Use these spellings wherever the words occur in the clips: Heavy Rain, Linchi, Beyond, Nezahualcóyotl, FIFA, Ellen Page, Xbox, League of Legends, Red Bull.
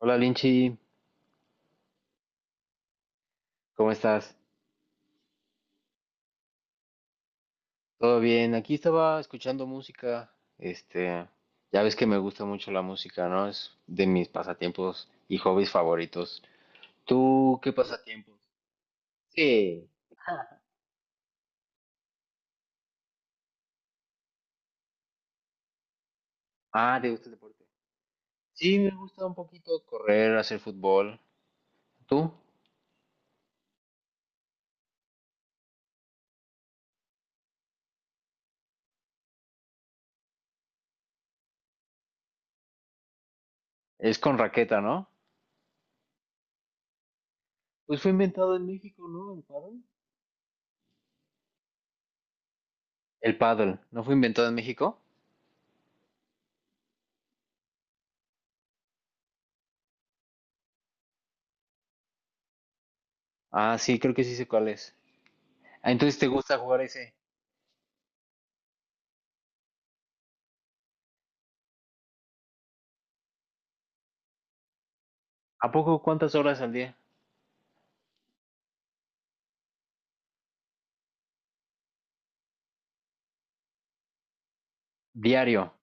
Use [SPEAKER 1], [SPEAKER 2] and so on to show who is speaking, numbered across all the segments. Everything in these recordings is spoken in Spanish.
[SPEAKER 1] Hola Linchi, ¿cómo estás? ¿Todo bien? Aquí estaba escuchando música. Ya ves que me gusta mucho la música, ¿no? Es de mis pasatiempos y hobbies favoritos. ¿Tú qué pasatiempos? Sí. Ah, ¿te gusta el deporte? Sí, me gusta un poquito correr, hacer fútbol. ¿Tú? Es con raqueta, ¿no? Pues fue inventado en México, ¿no? El pádel. El pádel, ¿no fue inventado en México? Ah, sí, creo que sí sé cuál es. Ah, entonces te gusta jugar ese. ¿A poco cuántas horas al día? Diario.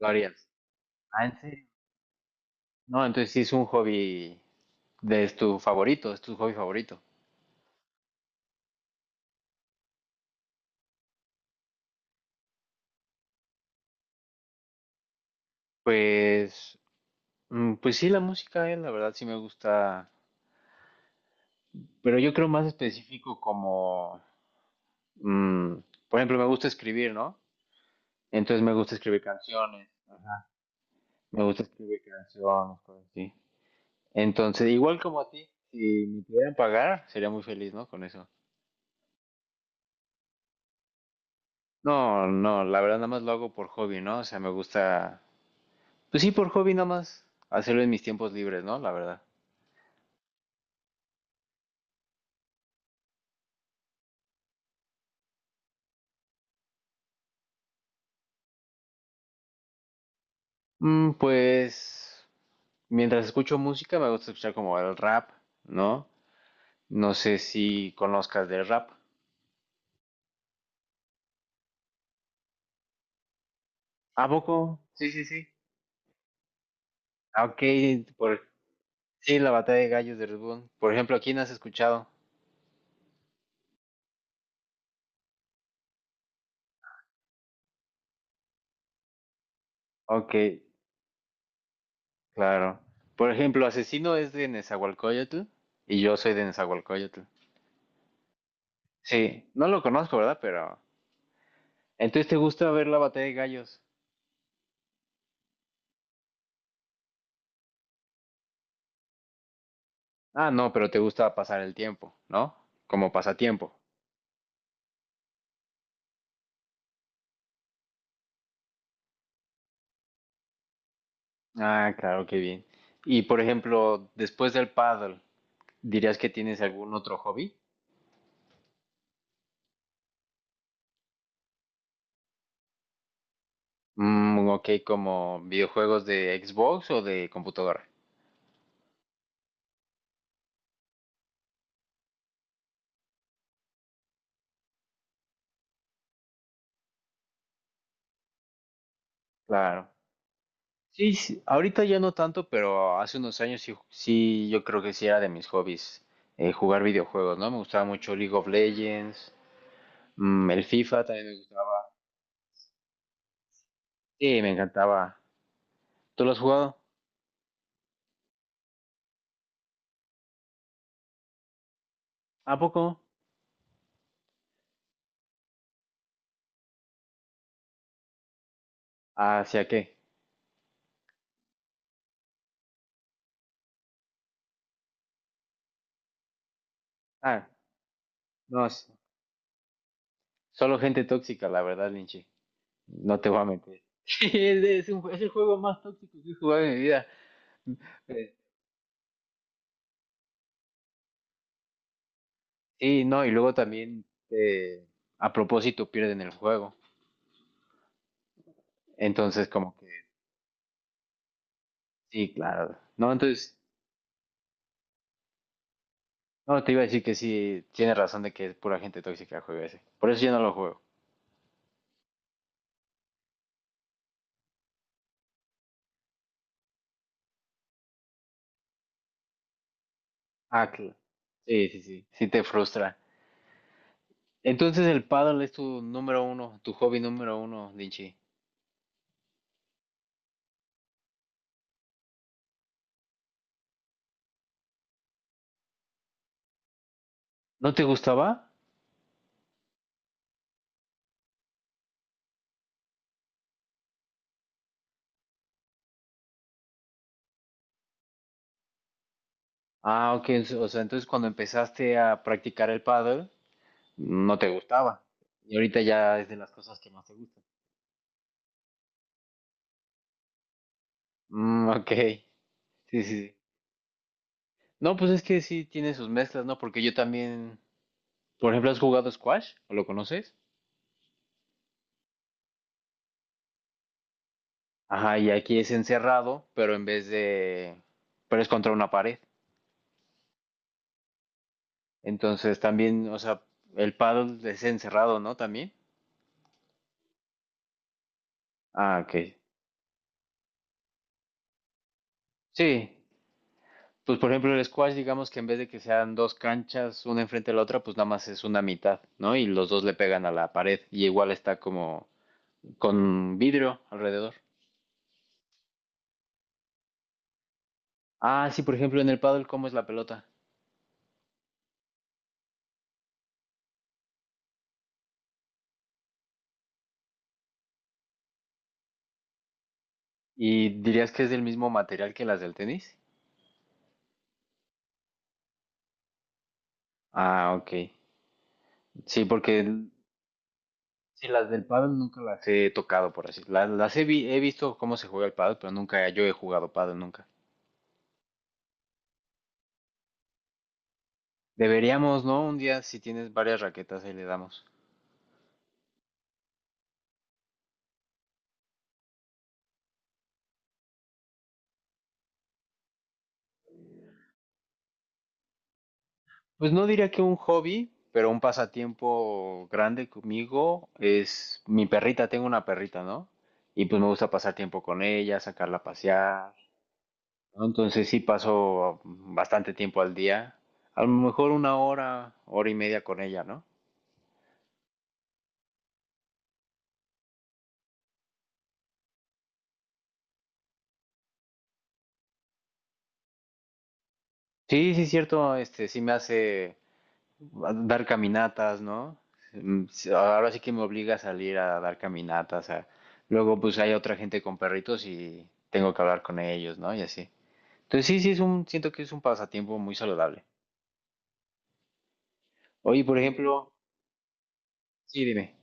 [SPEAKER 1] Lo harías. Ah, ¿en serio? No, entonces sí es un hobby de es tu favorito, es tu hobby favorito. Pues, pues sí, la música, la verdad sí me gusta, pero yo creo más específico como, mm, por ejemplo, me gusta escribir, ¿no? Entonces me gusta escribir canciones, ajá, me gusta escribir canciones, cosas así. Entonces, igual como a ti, si me pudieran pagar, sería muy feliz, ¿no? Con eso. No, no, la verdad nada más lo hago por hobby, ¿no? O sea, me gusta. Pues sí, por hobby nada más. Hacerlo en mis tiempos libres, ¿no? La verdad. Mm, pues mientras escucho música me gusta escuchar como el rap, ¿no? No sé si conozcas del rap. ¿A poco? Sí, sí, sí. Ah, Ok, por... sí, la batalla de gallos de Red Bull. Por ejemplo, ¿a quién has escuchado? Ok, claro. Por ejemplo, Asesino es de Nezahualcóyotl y yo soy de Nezahualcóyotl. Sí, no lo conozco, ¿verdad? Pero... Entonces, ¿te gusta ver la batalla de gallos? Ah, no, pero te gusta pasar el tiempo, ¿no? Como pasatiempo. Ah, claro, qué bien. Y por ejemplo, después del paddle, ¿dirías que tienes algún otro hobby? Mm, ok, como videojuegos de Xbox o de computadora. Claro. Sí, sí, ahorita ya no tanto, pero hace unos años sí, sí, yo creo que sí era de mis hobbies jugar videojuegos, ¿no? Me gustaba mucho League of Legends, mm, el FIFA también me gustaba. Sí, me encantaba. ¿Tú lo has jugado? ¿A poco? ¿Hacia qué? Ah. No, s- solo gente tóxica, la verdad, Linchi. No te voy a mentir. Sí, es un es el juego más tóxico que he jugado en mi vida. Eh, sí, no, y luego también a propósito pierden el juego. Entonces, como que sí, claro. No, entonces, no, te iba a decir que sí, tienes razón de que es pura gente tóxica el juego ese. Por eso yo no lo juego. Ah, claro. Sí, sí, sí. Sí te frustra. Entonces el paddle es tu número uno, tu hobby número uno, Linchi. ¿No te gustaba? Ah, ok. O sea, entonces cuando empezaste a practicar el pádel, no te gustaba. Y ahorita ya es de las cosas que más te gustan. Mm, ok. Sí, sí, sí. No, pues es que sí tiene sus mezclas, ¿no? Porque yo también, por ejemplo, ¿has jugado squash? ¿O lo conoces? Ajá, y aquí es encerrado, pero en vez de... pero es contra una pared. Entonces también, o sea, el paddle es encerrado, ¿no? También. Ah, ok. Sí, pues por ejemplo el squash, digamos que en vez de que sean dos canchas, una enfrente de la otra, pues nada más es una mitad, ¿no? Y los dos le pegan a la pared y igual está como con vidrio alrededor. Ah, sí, por ejemplo en el pádel ¿cómo es la pelota? ¿Y dirías que es del mismo material que las del tenis? Ah, ok. Sí, porque el- sí, las del pádel nunca las he tocado, por así. He visto cómo se juega el pádel, pero nunca yo he jugado pádel nunca. Deberíamos, ¿no? Un día si tienes varias raquetas ahí le damos. Pues no diría que un hobby, pero un pasatiempo grande conmigo es mi perrita, tengo una perrita, ¿no? Y pues me gusta pasar tiempo con ella, sacarla a pasear, ¿no? Entonces sí paso bastante tiempo al día, a lo mejor una hora, hora y media con ella, ¿no? Sí, sí, es cierto, sí me hace dar caminatas, ¿no? Mm, sí, ahora sí que me obliga a salir a dar caminatas, a- luego pues hay otra gente con perritos y tengo que hablar con ellos, ¿no? Y así. Entonces sí, sí es un, siento que es un pasatiempo muy saludable. Oye, por ejemplo, sí, dime.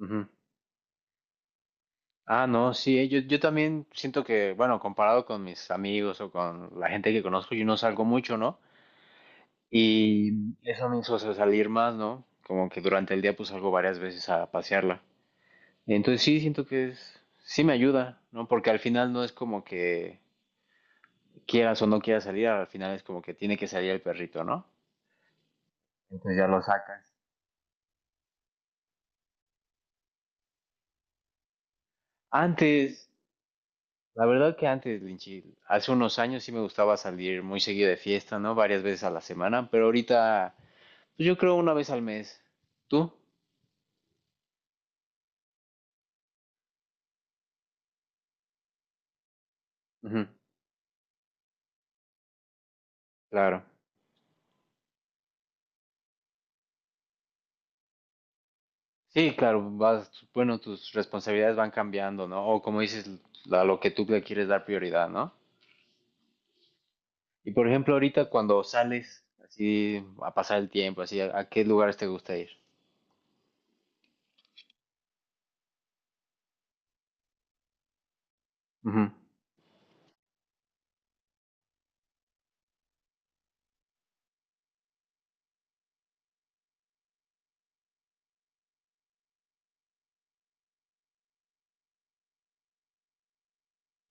[SPEAKER 1] Ujú. Ah, no, sí, yo también siento que, bueno, comparado con mis amigos o con la gente que conozco, yo no salgo mucho, ¿no? Y eso me hizo salir más, ¿no? Como que durante el día pues salgo varias veces a pasearla. Entonces sí, siento que es, sí me ayuda, ¿no? Porque al final no es como que quieras o no quieras salir, al final es como que tiene que salir el perrito, ¿no? Entonces ya lo sacas. Antes, la verdad que antes, Linchi, hace unos años sí me gustaba salir muy seguido de fiesta, ¿no? Varias veces a la semana, pero ahorita, pues yo creo una vez al mes. ¿Tú? Ujú, claro. Sí, claro, vas, bueno, tus responsabilidades van cambiando, ¿no? O como dices, a lo que tú le quieres dar prioridad, ¿no? Y por ejemplo, ahorita cuando sales así a pasar el tiempo, así, ¿ a qué lugares te gusta ir? Ujú,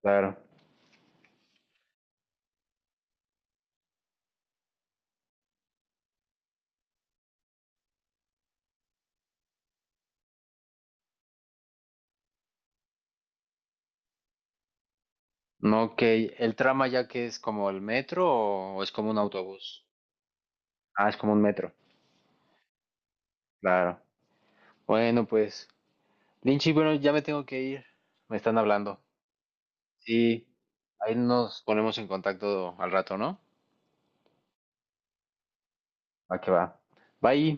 [SPEAKER 1] claro. No, ok. ¿El trama ya que es como el metro o es como un autobús? Ah, es como un metro. Claro. Bueno, pues, Linchi, bueno, ya me tengo que ir. Me están hablando. Sí, ahí nos ponemos en contacto al rato, ¿no? Va que va. Bye.